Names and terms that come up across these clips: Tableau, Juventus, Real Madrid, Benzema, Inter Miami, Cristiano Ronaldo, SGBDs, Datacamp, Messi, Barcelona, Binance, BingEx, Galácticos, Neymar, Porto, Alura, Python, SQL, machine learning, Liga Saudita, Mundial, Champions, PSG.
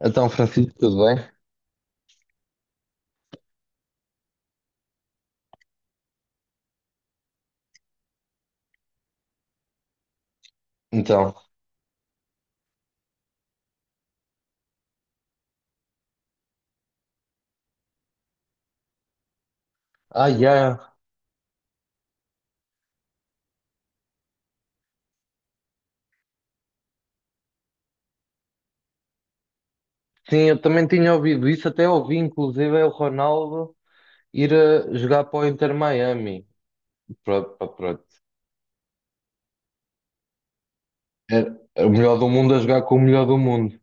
Então, Francisco, tudo bem? Então, yeah. Sim, eu também tinha ouvido isso, até ouvi inclusive é o Ronaldo ir a jogar para o Inter Miami. Pronto, pá, pronto. Era o melhor do mundo a jogar com o melhor do mundo.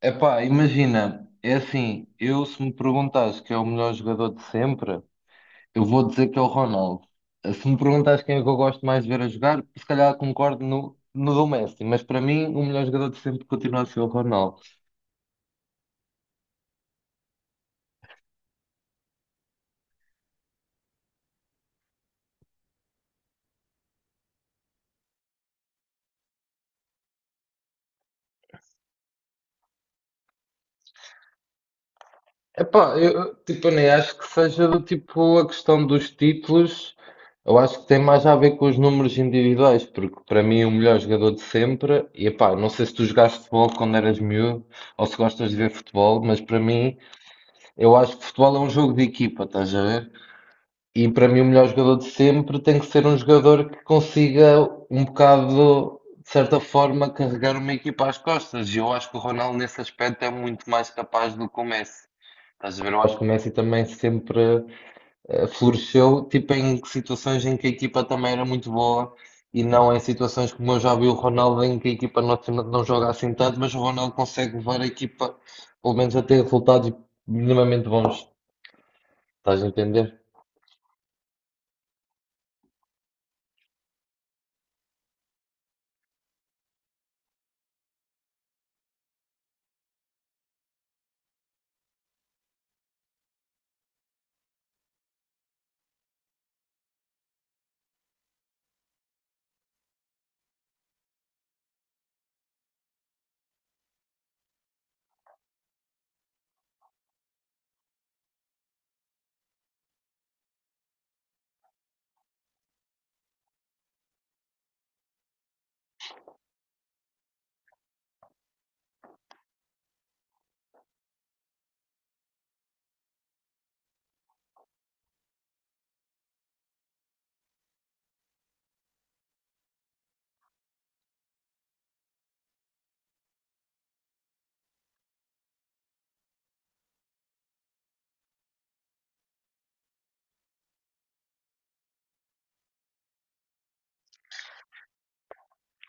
Epá, imagina, é assim, eu se me perguntares que é o melhor jogador de sempre, eu vou dizer que é o Ronaldo. Se me perguntares quem é que eu gosto mais de ver a jogar, se calhar concordo no do Messi, mas para mim o melhor jogador de sempre continua a ser o Ronaldo. Epá, eu, tipo, eu nem acho que seja do tipo a questão dos títulos. Eu acho que tem mais a ver com os números individuais, porque para mim é o melhor jogador de sempre, e epá, não sei se tu jogaste futebol quando eras miúdo ou se gostas de ver futebol, mas para mim eu acho que futebol é um jogo de equipa, estás a ver? E para mim o melhor jogador de sempre tem que ser um jogador que consiga um bocado, de certa forma, carregar uma equipa às costas. E eu acho que o Ronaldo nesse aspecto é muito mais capaz do que o Messi. Estás a ver, eu acho que o Messi também sempre floresceu, tipo em situações em que a equipa também era muito boa e não em situações como eu já vi o Ronaldo em que a equipa não joga assim tanto, mas o Ronaldo consegue levar a equipa pelo menos a ter resultados minimamente bons. Estás a entender?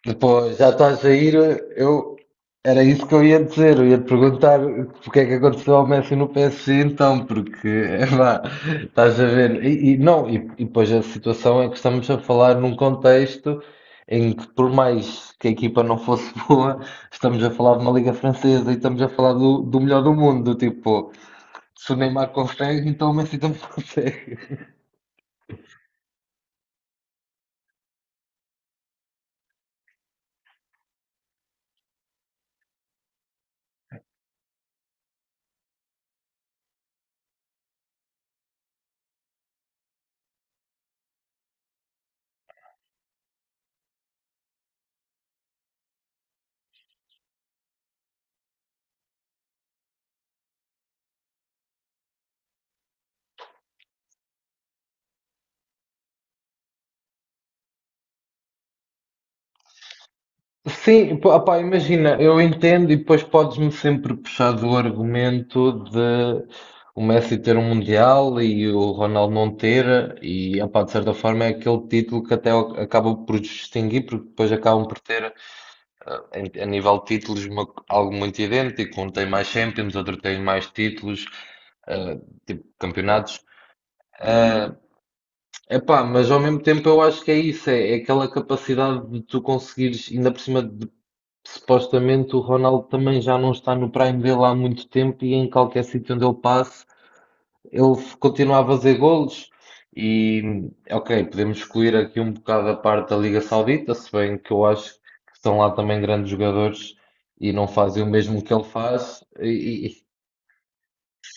Depois, já está a sair, eu era isso que eu ia dizer, eu ia te perguntar o que é que aconteceu ao Messi no PSG então, porque é vá, estás a ver, e não, e depois a situação é que estamos a falar num contexto em que por mais que a equipa não fosse boa, estamos a falar de uma liga francesa e estamos a falar do, do melhor do mundo, tipo, se o Neymar consegue, então o Messi também consegue. Sim, pá, imagina, eu entendo e depois podes-me sempre puxar do argumento de o Messi ter um Mundial e o Ronaldo não ter, e epá, de certa forma é aquele título que até acaba por distinguir, porque depois acabam por ter, ah, em- a nível de títulos, uma- algo muito idêntico. Um tem mais Champions, outro tem mais títulos, ah, tipo campeonatos. Ah, epá, mas ao mesmo tempo eu acho que é isso, é, é aquela capacidade de tu conseguires, ainda por cima. Supostamente o Ronaldo também já não está no prime dele há muito tempo e em qualquer sítio onde ele passe, ele continua a fazer golos. E, ok, podemos excluir aqui um bocado a parte da Liga Saudita, se bem que eu acho que estão lá também grandes jogadores e não fazem o mesmo que ele faz. E,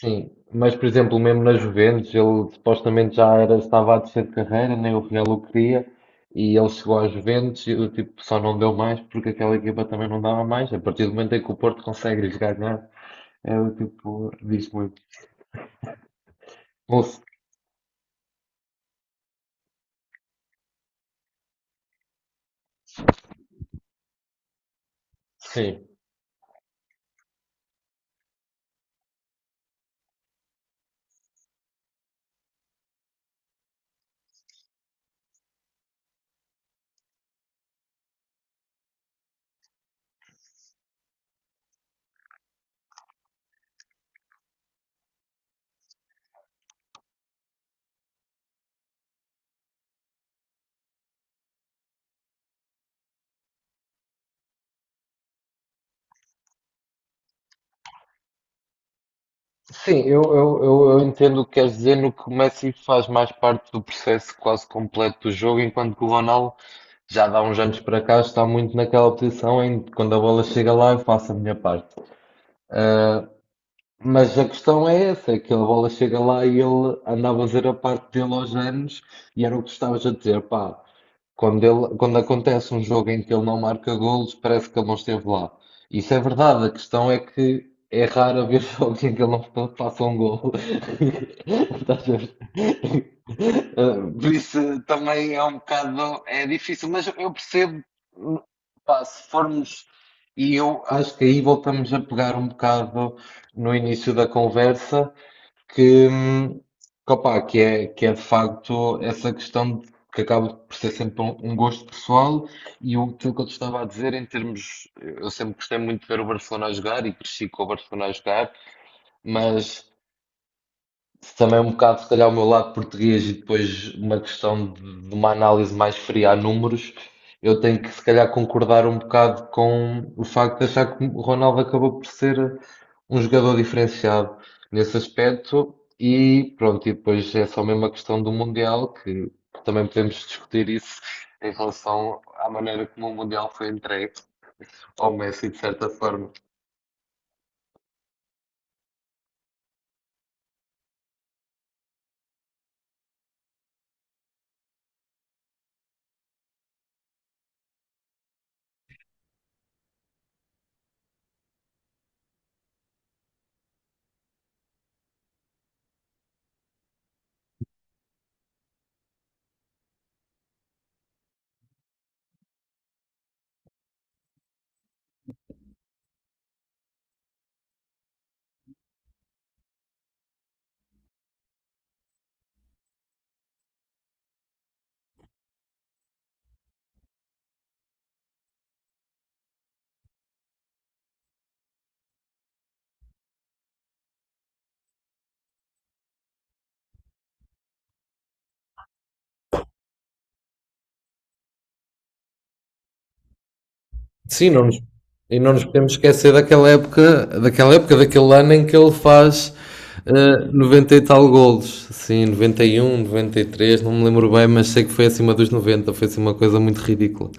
sim, mas por exemplo, mesmo na Juventus, ele supostamente já era, estava a descer de carreira, nem o Real o queria, e ele chegou à Juventus e tipo, só não deu mais porque aquela equipa também não dava mais. A partir do momento em que o Porto consegue lhes ganhar, é o tipo, diz muito. Ou se- sim, sim, eu entendo o que queres dizer no que o Messi faz mais parte do processo quase completo do jogo, enquanto que o Ronaldo já dá uns anos para cá está muito naquela posição em que quando a bola chega lá eu faço a minha parte. Ah, mas a questão é essa, é que a bola chega lá e ele andava a fazer a parte dele aos anos e era o que tu estavas a dizer, pá, quando, ele, quando acontece um jogo em que ele não marca golos, parece que ele não esteve lá. Isso é verdade, a questão é que é raro haver jogos em que ele não faça um gol. Estás a ver? Ah, por isso também é um bocado, é difícil, mas eu percebo, hum, pá, se formos, e eu acho que aí voltamos a pegar um bocado no início da conversa, que, hum, que, opá, que é de facto essa questão de- que acaba por ser sempre um, um gosto pessoal e o aquilo que eu te estava a dizer em termos, eu sempre gostei muito de ver o Barcelona a jogar e cresci com o Barcelona a jogar, mas também é um bocado, se calhar, o meu lado português e depois uma questão de uma análise mais fria a números, eu tenho que, se calhar, concordar um bocado com o facto de achar que o Ronaldo acabou por ser um jogador diferenciado nesse aspecto. E pronto, e depois é só mesmo a questão do Mundial, que também podemos discutir isso em relação à maneira como o Mundial foi entregue ao Messi, de certa forma. Sim, e não nos podemos esquecer daquela época, daquele ano em que ele faz 90 e tal golos. Sim, 91, 93 não me lembro bem, mas sei que foi acima dos noventa, foi assim uma coisa muito ridícula.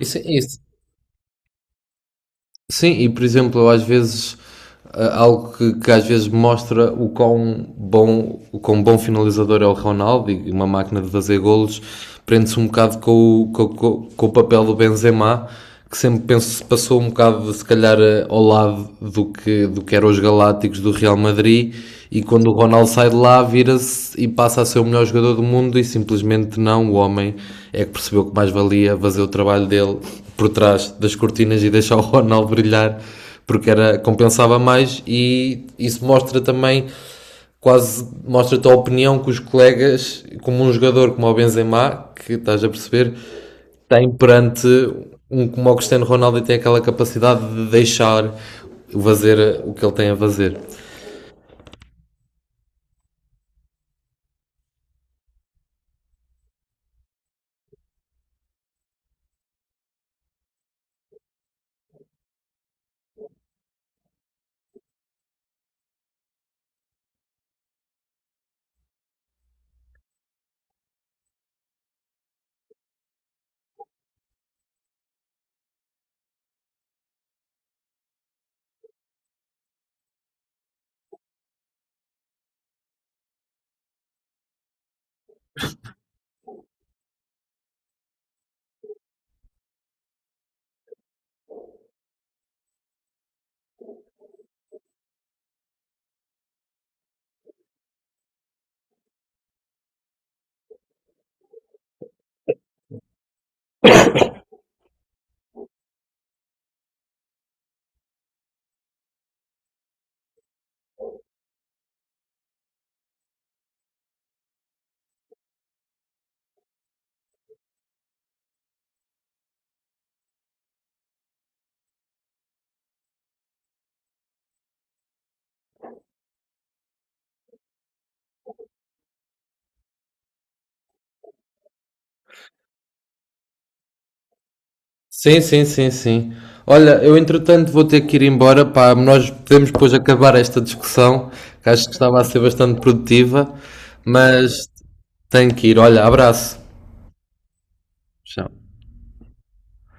Isso, sim, e por exemplo, às vezes ah, algo que às vezes mostra o quão bom finalizador é o Ronaldo e uma máquina de fazer golos prende-se um bocado com o, com, o- com, com o papel do Benzema, que sempre penso se passou um bocado se calhar ao lado do que eram os Galácticos do Real Madrid e quando o Ronaldo sai de lá vira-se e passa a ser o melhor jogador do mundo e simplesmente não, o homem é que percebeu que mais valia fazer o trabalho dele por trás das cortinas e deixar o Ronaldo brilhar porque era, compensava mais e isso mostra também quase mostra-te a opinião que os colegas, como um jogador como o Benzema, que estás a perceber, tem perante um como o Cristiano Ronaldo e tem aquela capacidade de deixar fazer o que ele tem a fazer. Sim, sim, sim, sim. Olha, eu entretanto vou ter que ir embora, pá, nós podemos depois acabar esta discussão, que acho que estava a ser bastante produtiva, mas tenho que ir. Olha, abraço. Tchau.